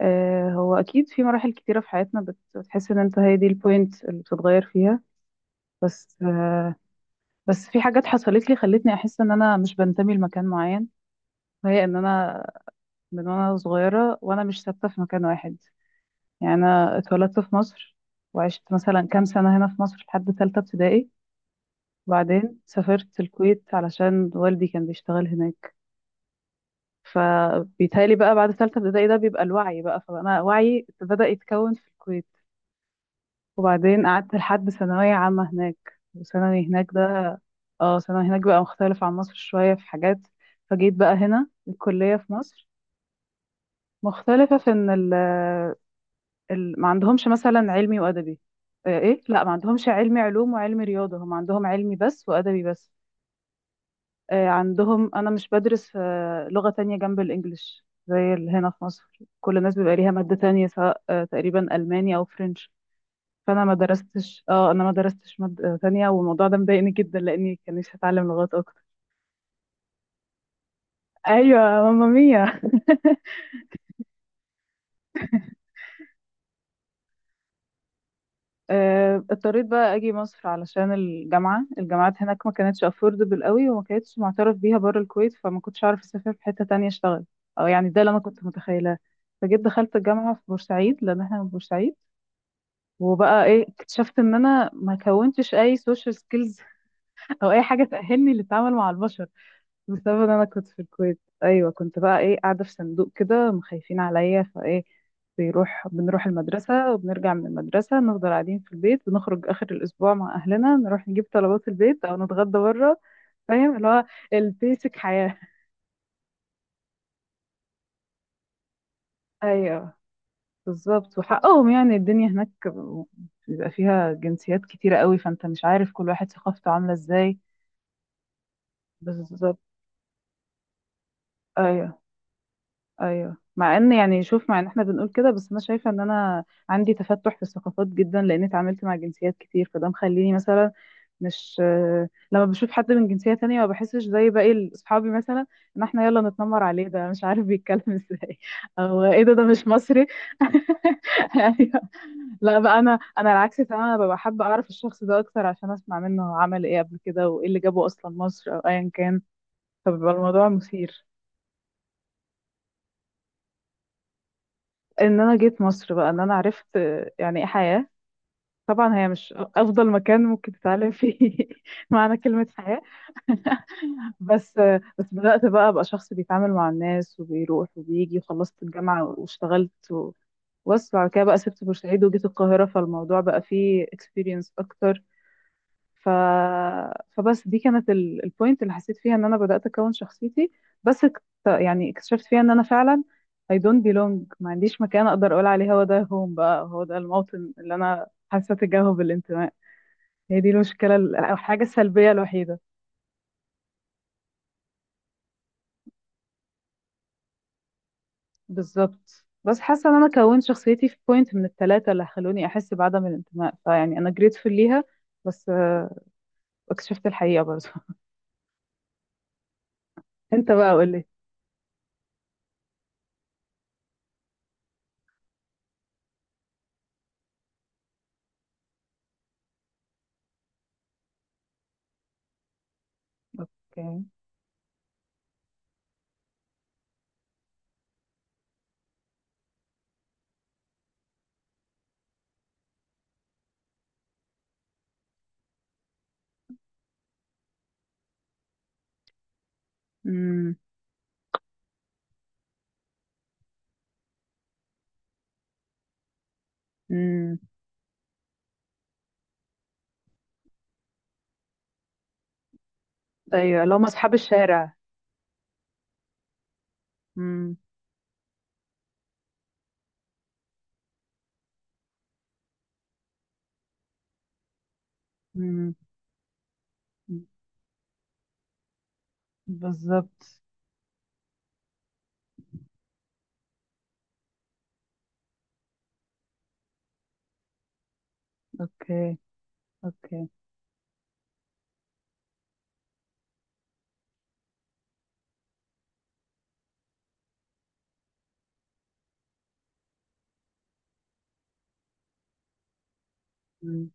آه، هو اكيد في مراحل كتيره في حياتنا بتحس ان انت هي دي البوينت اللي بتتغير فيها. بس آه، بس في حاجات حصلت لي خلتني احس ان انا مش بنتمي لمكان معين، وهي ان انا من وانا صغيره وانا مش ثابته في مكان واحد. يعني انا اتولدت في مصر، وعشت مثلا كام سنه هنا في مصر لحد ثالثه ابتدائي. وبعدين سافرت الكويت علشان والدي كان بيشتغل هناك. فبيتهيألي بقى بعد ثالثه ابتدائي ده بيبقى الوعي بقى، فانا وعي بدأ يتكون في الكويت. وبعدين قعدت لحد ثانوية عامة هناك. وثانوي هناك ده اه ثانوي هناك بقى مختلف عن مصر شوية في حاجات. فجيت بقى هنا الكلية في مصر. مختلفة في ان ال ما عندهمش مثلا علمي وأدبي. ايه، لا، ما عندهمش علمي علوم وعلمي رياضة، هم عندهم علمي بس وأدبي بس. عندهم انا مش بدرس لغة تانية جنب الإنجليش زي اللي هنا في مصر. كل الناس بيبقى ليها مادة تانية، سواء تقريبا ألماني أو فرنش. فانا ما درستش اه انا ما درستش مادة تانية، والموضوع ده مضايقني جدا لاني كانش هتعلم لغات اكتر. ايوه ماما ميا. اضطريت بقى اجي مصر علشان الجامعات هناك ما كانتش افوردبل قوي، وما كانتش معترف بيها بره الكويت، فما كنتش اعرف اسافر في حته تانية اشتغل. او يعني ده اللي انا كنت متخيلاه. فجيت دخلت الجامعه في بورسعيد، لان احنا من بورسعيد. وبقى ايه، اكتشفت ان انا ما كونتش اي سوشيال سكيلز او اي حاجه تاهلني للتعامل مع البشر. بسبب ان انا كنت في الكويت، ايوه، كنت بقى ايه، قاعده في صندوق كده، مخايفين عليا فايه. بنروح المدرسه، وبنرجع من المدرسه، نفضل قاعدين في البيت. بنخرج اخر الاسبوع مع اهلنا، نروح نجيب طلبات البيت او نتغدى بره. فاهم اللي هو البيسك حياه. ايوه. بالظبط، وحقهم يعني، الدنيا هناك بيبقى فيها جنسيات كتيره قوي، فانت مش عارف كل واحد ثقافته عامله ازاي. بالظبط. ايوه، ايوه، مع ان احنا بنقول كده، بس انا شايفه ان انا عندي تفتح في الثقافات جدا، لان اتعاملت مع جنسيات كتير، فده مخليني مثلا مش، لما بشوف حد من جنسيه تانية، ما بحسش زي باقي اصحابي مثلا، ان احنا يلا نتنمر عليه. ده مش عارف بيتكلم ازاي، او ايه ده، ده مش مصري. ايوه. لا بقى انا العكس تماما، ببقى حابه اعرف الشخص ده اكتر، عشان اسمع منه هو عمل ايه قبل كده، وايه اللي جابه اصلا مصر او ايا كان. فبيبقى الموضوع مثير. ان انا جيت مصر بقى، ان انا عرفت يعني ايه حياة. طبعا هي مش افضل مكان ممكن تتعلم فيه معنى كلمة حياة. بس بس بدأت بقى ابقى شخص بيتعامل مع الناس، وبيروح وبيجي، وخلصت الجامعة واشتغلت و... بس بعد كده بقى سبت بورسعيد وجيت القاهرة، فالموضوع بقى فيه experience اكتر. ف... فبس دي كانت البوينت اللي حسيت فيها ان انا بدأت اكون شخصيتي. يعني اكتشفت فيها ان انا فعلا I don't belong. ما عنديش مكان اقدر اقول عليه هو ده هوم، بقى هو ده الموطن اللي انا حاسه تجاهه بالانتماء. هي دي المشكله او الحاجه السلبيه الوحيده. بالظبط، بس حاسه ان انا كونت شخصيتي في بوينت من الثلاثه اللي خلوني احس بعدم الانتماء، فيعني انا grateful ليها. بس اكتشفت الحقيقه برضه. انت بقى قول لي. اوكي. امم. ايوه اللي هم اصحاب الشارع. امم. امم. بالظبط. اوكي. اوكي. امم.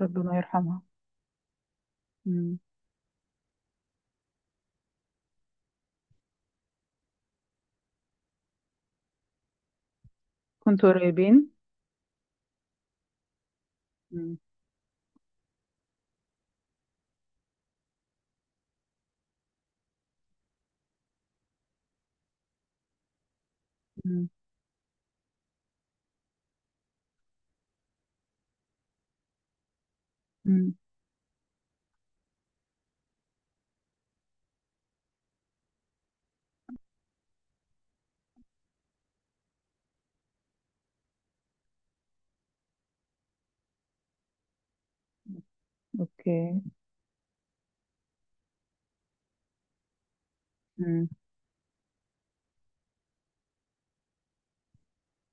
ربنا يرحمها. امم. كنتوا قريبين؟ امم. امم. امم. اوكي. امم.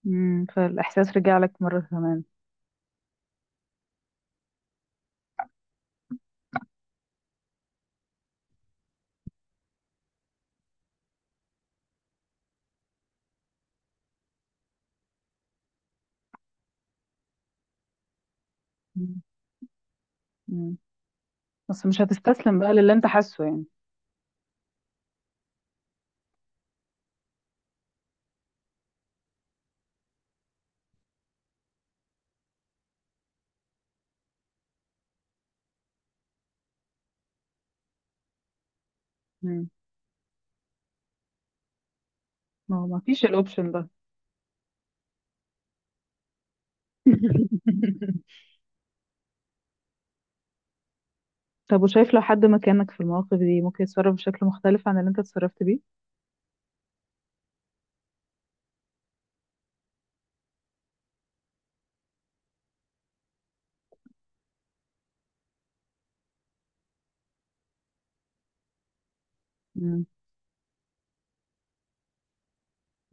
امم. فالاحساس رجع لك مره كمان؟ امم. امم. بس مش هتستسلم بقى للي انت حاسه يعني؟ امم. ما هو ما فيش الاوبشن ده. طب، وشايف لو حد مكانك في المواقف دي ممكن يتصرف بشكل مختلف عن اللي انت اتصرفت بيه؟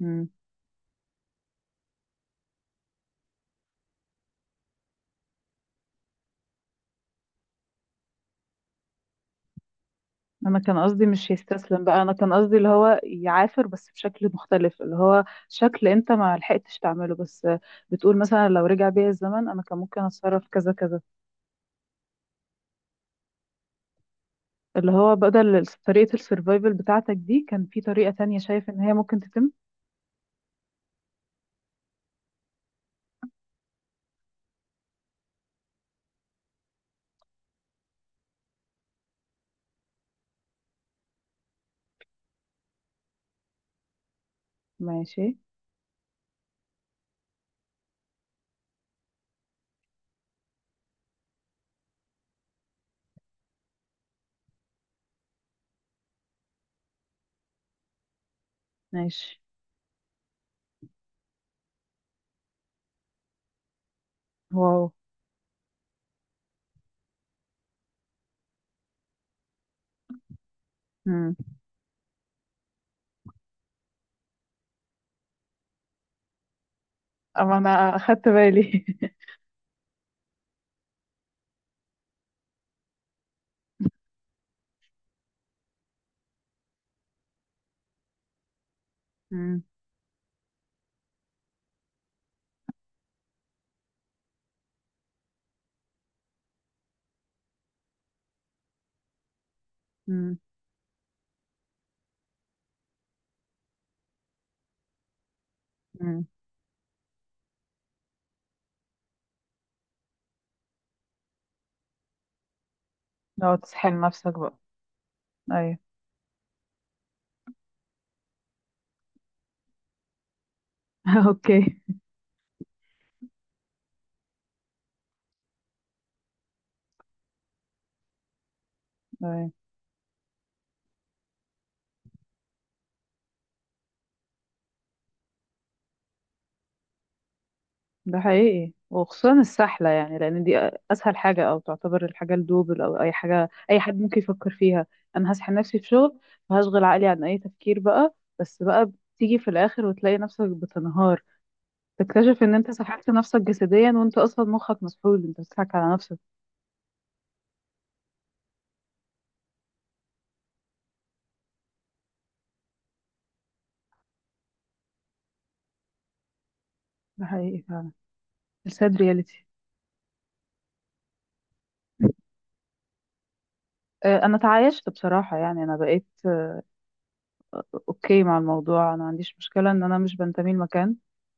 امم. انا كان قصدي مش يستسلم بقى، انا كان قصدي اللي هو يعافر بس بشكل مختلف، اللي هو شكل انت ما لحقتش تعمله، بس بتقول مثلا لو رجع بيا الزمن انا كان ممكن اتصرف كذا كذا. اللي هو بدل طريقة السرفايفل بتاعتك دي، كان في طريقة تانية شايف ان هي ممكن تتم. ماشي. ماشي. واو. امم. اما انا اخدت بالي. امم. امم. امم. لو تسحل نفسك بقى. ايوه. اوكي. ده حقيقي، وخصوصا السحلة، يعني لأن دي أسهل حاجة، أو تعتبر الحاجة الدوبل، أو أي حاجة أي حد ممكن يفكر فيها. أنا هسحل نفسي في شغل وهشغل عقلي عن أي تفكير بقى، بس بقى بتيجي في الآخر وتلاقي نفسك بتنهار. تكتشف إن أنت سحلت نفسك جسديا، وأنت أصلا مخك مسحول، أنت بتضحك على نفسك. ده حقيقي فعلا. الساد رياليتي. انا تعايشت بصراحه، يعني انا بقيت اوكي مع الموضوع. انا ما عنديش مشكله ان انا مش بنتمي لمكان،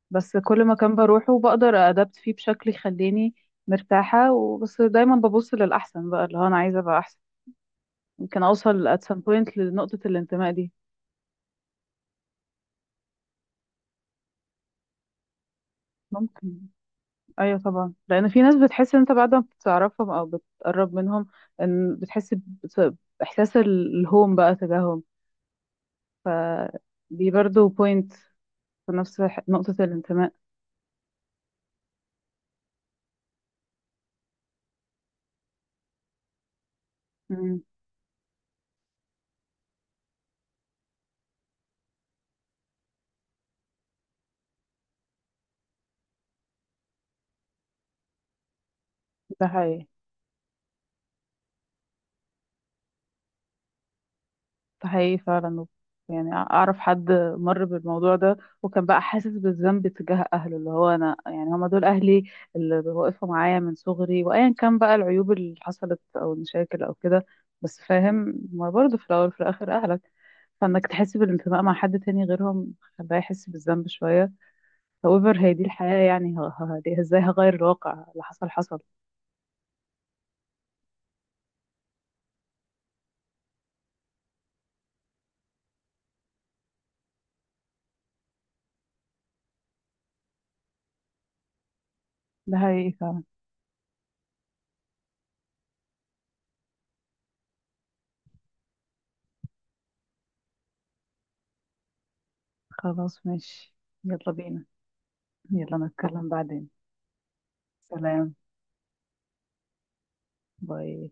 بس كل مكان بروحه بقدر أدبت فيه بشكل يخليني مرتاحة، وبس دايما ببص للأحسن بقى، اللي هو أنا عايزة أبقى أحسن، ممكن أوصل at some point لنقطة الانتماء دي. ممكن. أيوة طبعا، لأن في ناس بتحس إن أنت بعد ما بتعرفهم أو بتقرب منهم إن بتحس بإحساس الهوم بقى تجاههم. فدي برضو point في نفس نقطة الانتماء. مم. ده حقيقي، ده حقيقي فعلا. يعني اعرف حد مر بالموضوع ده، وكان بقى حاسس بالذنب تجاه اهله، اللي هو انا يعني هما دول اهلي اللي واقفوا معايا من صغري، وايا كان بقى العيوب اللي حصلت او المشاكل او كده. بس فاهم ما برضه، في الاول وفي الاخر اهلك، فانك تحس بالانتماء مع حد تاني غيرهم خلاه يحس بالذنب شويه. however هي دي الحياه يعني، دي ازاي هغير الواقع، اللي حصل حصل. ده حقيقي فعلا. خلاص ماشي. يلا بينا. يلا نتكلم بعدين. سلام. باي.